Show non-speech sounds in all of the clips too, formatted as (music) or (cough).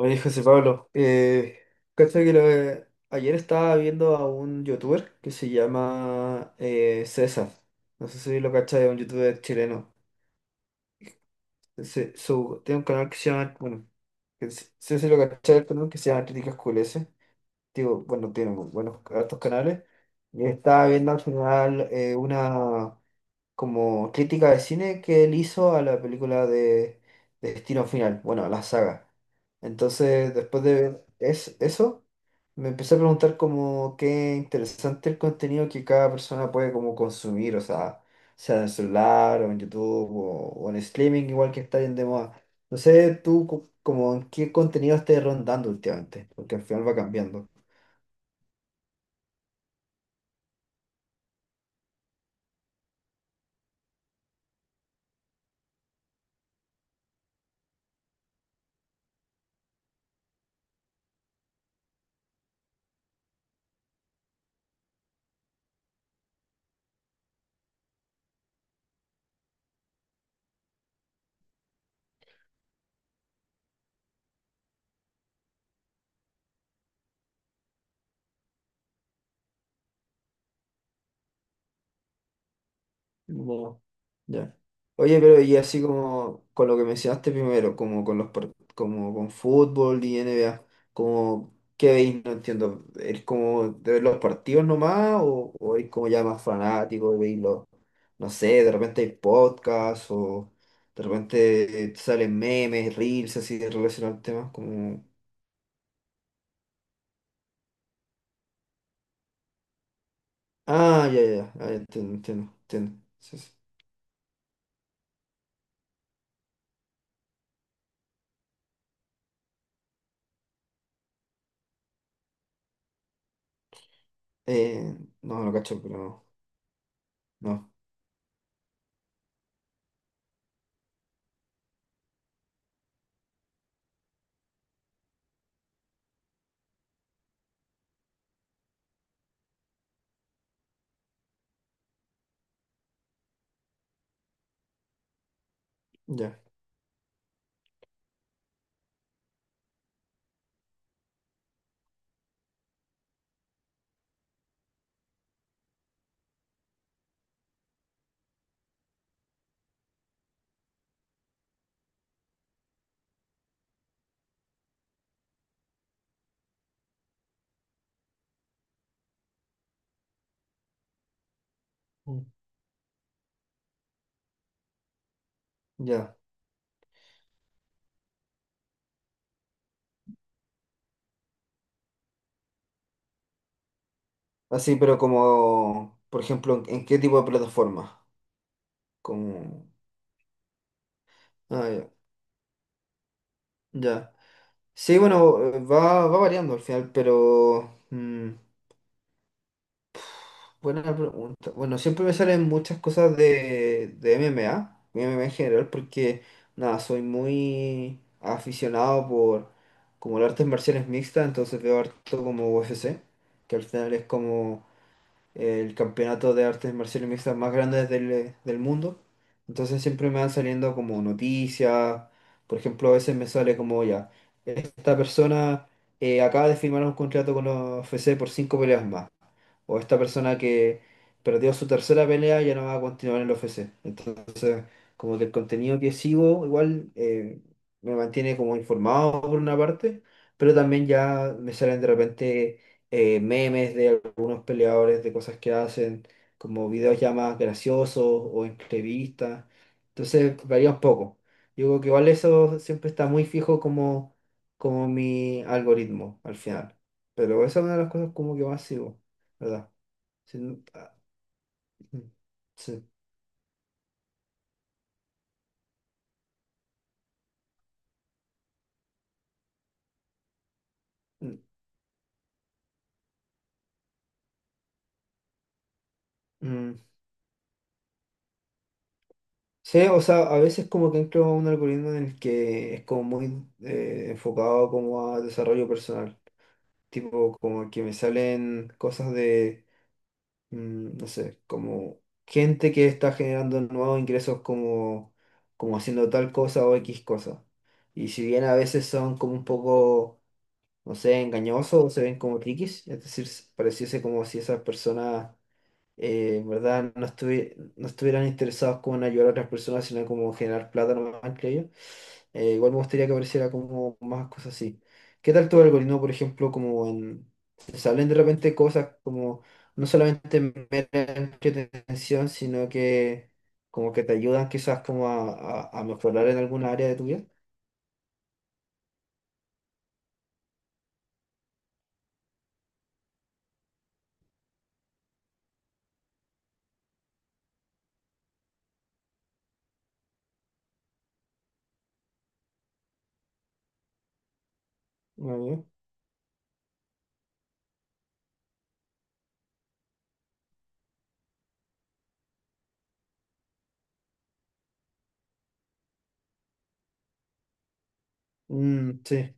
Oye, José Pablo, cacha que lo- ayer estaba viendo a un youtuber que se llama César. No sé si lo cachai, es un youtuber chileno. Tiene un canal que se llama, bueno, no sé si lo cachai, el canal que se llama Críticas QLS. Digo, bueno, tiene buenos hartos canales. Y estaba viendo al final una como crítica de cine que él hizo a la película de Destino Final, bueno, a la saga. Entonces, después de ver eso, me empecé a preguntar como qué interesante el contenido que cada persona puede como consumir, o sea, sea en el celular o en YouTube o en streaming, igual que está bien de moda. No sé, tú como en qué contenido estés rondando últimamente, porque al final va cambiando. Bueno, ya. Oye, pero y así como con lo que mencionaste primero, como con los como con fútbol y NBA, como qué veis, no entiendo, ¿es como de ver los partidos nomás o es como ya más fanático y veis los, no sé, de repente hay podcasts o de repente salen memes, reels así de relacionados al tema como? Ah, ya, ya, ya, ah, ya, entiendo, entiendo, entiendo. Sí, sí. Eh, no, no cacho, pero no, no, ya. Mm. Ya. Así, pero como, por ejemplo, ¿en qué tipo de plataforma? Como... Ah, ya. Ya. Sí, bueno, va variando al final, pero buena pregunta. Bueno, siempre me salen muchas cosas de MMA, MMA en general, porque, nada, soy muy aficionado por como las artes marciales mixtas, entonces veo harto como UFC, que al final es como el campeonato de artes marciales mixtas más grande del mundo. Entonces siempre me van saliendo como noticias. Por ejemplo, a veces me sale como ya, esta persona acaba de firmar un contrato con la UFC por cinco peleas más. O esta persona que perdió su tercera pelea ya no va a continuar en la UFC. Entonces, como que el contenido que sigo igual me mantiene como informado por una parte, pero también ya me salen de repente memes de algunos peleadores, de cosas que hacen, como videos ya más graciosos o entrevistas. Entonces varía un poco. Yo creo que igual eso siempre está muy fijo como mi algoritmo al final. Pero esa es una de las cosas como que más sigo, ¿verdad? Sí, ah, mm, sí, mm, mm. Sí, o sea, a veces como que entro a un algoritmo en el que es como muy enfocado como a desarrollo personal, tipo como que me salen cosas de, no sé, como gente que está generando nuevos ingresos como haciendo tal cosa o X cosa. Y si bien a veces son como un poco, no sé, engañosos o se ven como triquis, es decir, pareciese como si esas personas en verdad no, no estuvieran interesados como en ayudar a otras personas, sino como en generar plata nomás, creo ellos. Igual me gustaría que apareciera como más cosas así. ¿Qué tal tu algoritmo, por ejemplo, como en, se salen de repente cosas como no solamente mera entretención, sino que como que te ayudan quizás como a mejorar en alguna área de tu vida? Ah, ya. Mm, sí.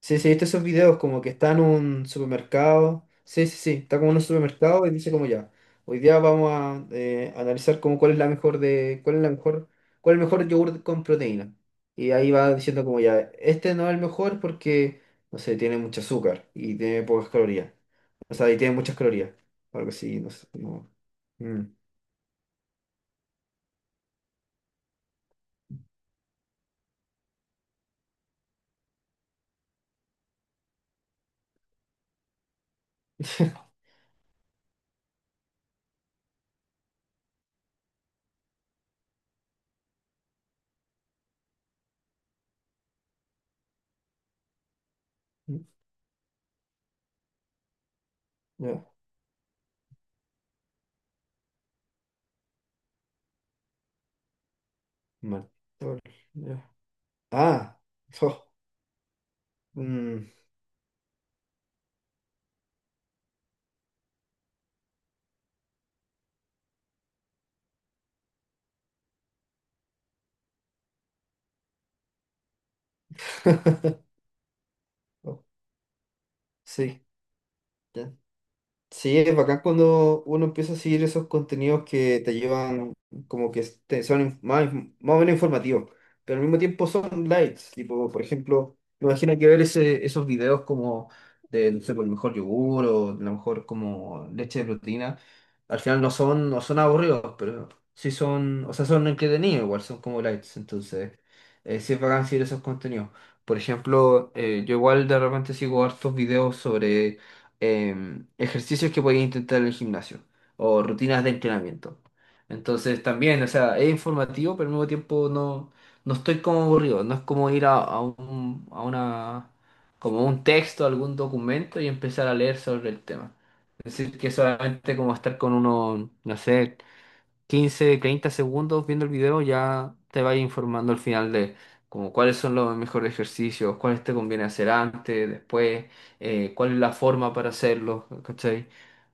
Sí, sí, viste esos videos como que está en un supermercado. Sí, sí, sí, está como en un supermercado y dice como ya. Hoy día vamos a analizar como cuál es la mejor de, cuál es la mejor, cuál es el mejor yogur con proteína. Y ahí va diciendo como ya, este no es el mejor porque, no sé, tiene mucho azúcar y tiene pocas calorías. O sea, y tiene muchas calorías. Algo así, no sé. No. Mm. (laughs) Mm, ya, mal. Tol- Ya. Ah, oh, mm, (laughs) oh, sí. Sí, es bacán cuando uno empieza a seguir esos contenidos que te llevan, como que son más, más o menos informativos, pero al mismo tiempo son lights. Tipo, por ejemplo, me imagino que ver esos videos como de, no sé, por el mejor yogur o la mejor como leche de proteína, al final no son aburridos, pero sí son, o sea, son entretenidos igual, son como lights. Entonces, sí es bacán seguir esos contenidos. Por ejemplo, yo igual de repente sigo hartos videos sobre ejercicios que podéis intentar en el gimnasio o rutinas de entrenamiento. Entonces también, o sea, es informativo, pero al mismo tiempo no, no estoy como aburrido. No es como ir a una, como un texto, algún documento y empezar a leer sobre el tema. Es decir, que solamente como estar con uno, no sé, 15, 30 segundos viendo el video, ya te vas informando al final de como cuáles son los mejores ejercicios, cuáles te conviene hacer antes, después, cuál es la forma para hacerlo, ¿cachai?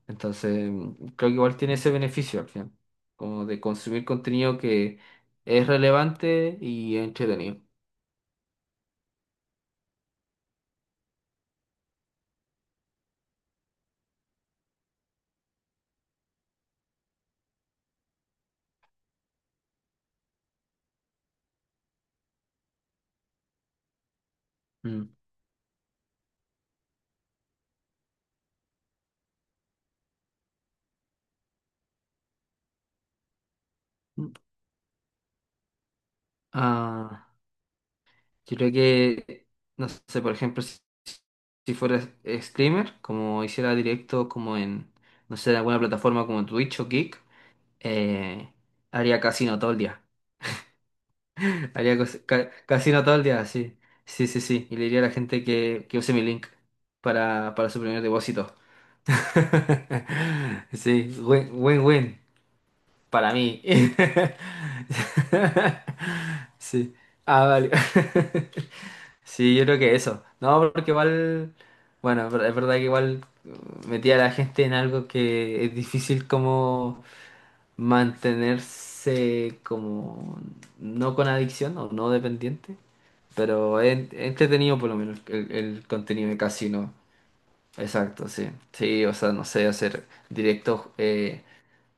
Entonces, creo que igual tiene ese beneficio al final, como de consumir contenido que es relevante y entretenido. Mm. Ah, yo creo que, no sé, por ejemplo, si fuera streamer, como hiciera directo como no sé, en alguna plataforma como Twitch o Kick, eh, haría casino todo el día. (laughs) Haría casino todo el día, sí. Sí, sí, sí. Y le diría a la gente que use mi link para su primer depósito. (laughs) Sí, win, win, win. Para mí. (laughs) Sí. Ah, vale. (laughs) Sí, yo creo que eso. No, porque igual, bueno, es verdad que igual metía a la gente en algo que es difícil como mantenerse como no con adicción o no dependiente, pero es entretenido por lo menos el contenido de casino. Exacto, sí. Sí, o sea, no sé, hacer directos eh,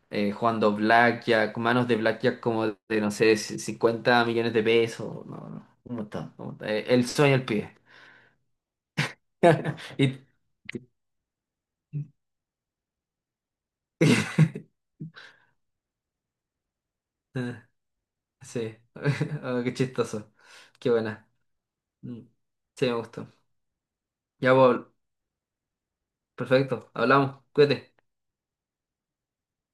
eh, jugando blackjack, manos de blackjack como de, no sé, 50 millones de pesos, no, no, un montón, un montón. El sueño al pie. (laughs) Y- (laughs) Ah, sí, (laughs) oh, qué chistoso. Qué buena. Mm. Sí, me gustó. Ya, pues, perfecto. Hablamos. Cuídate.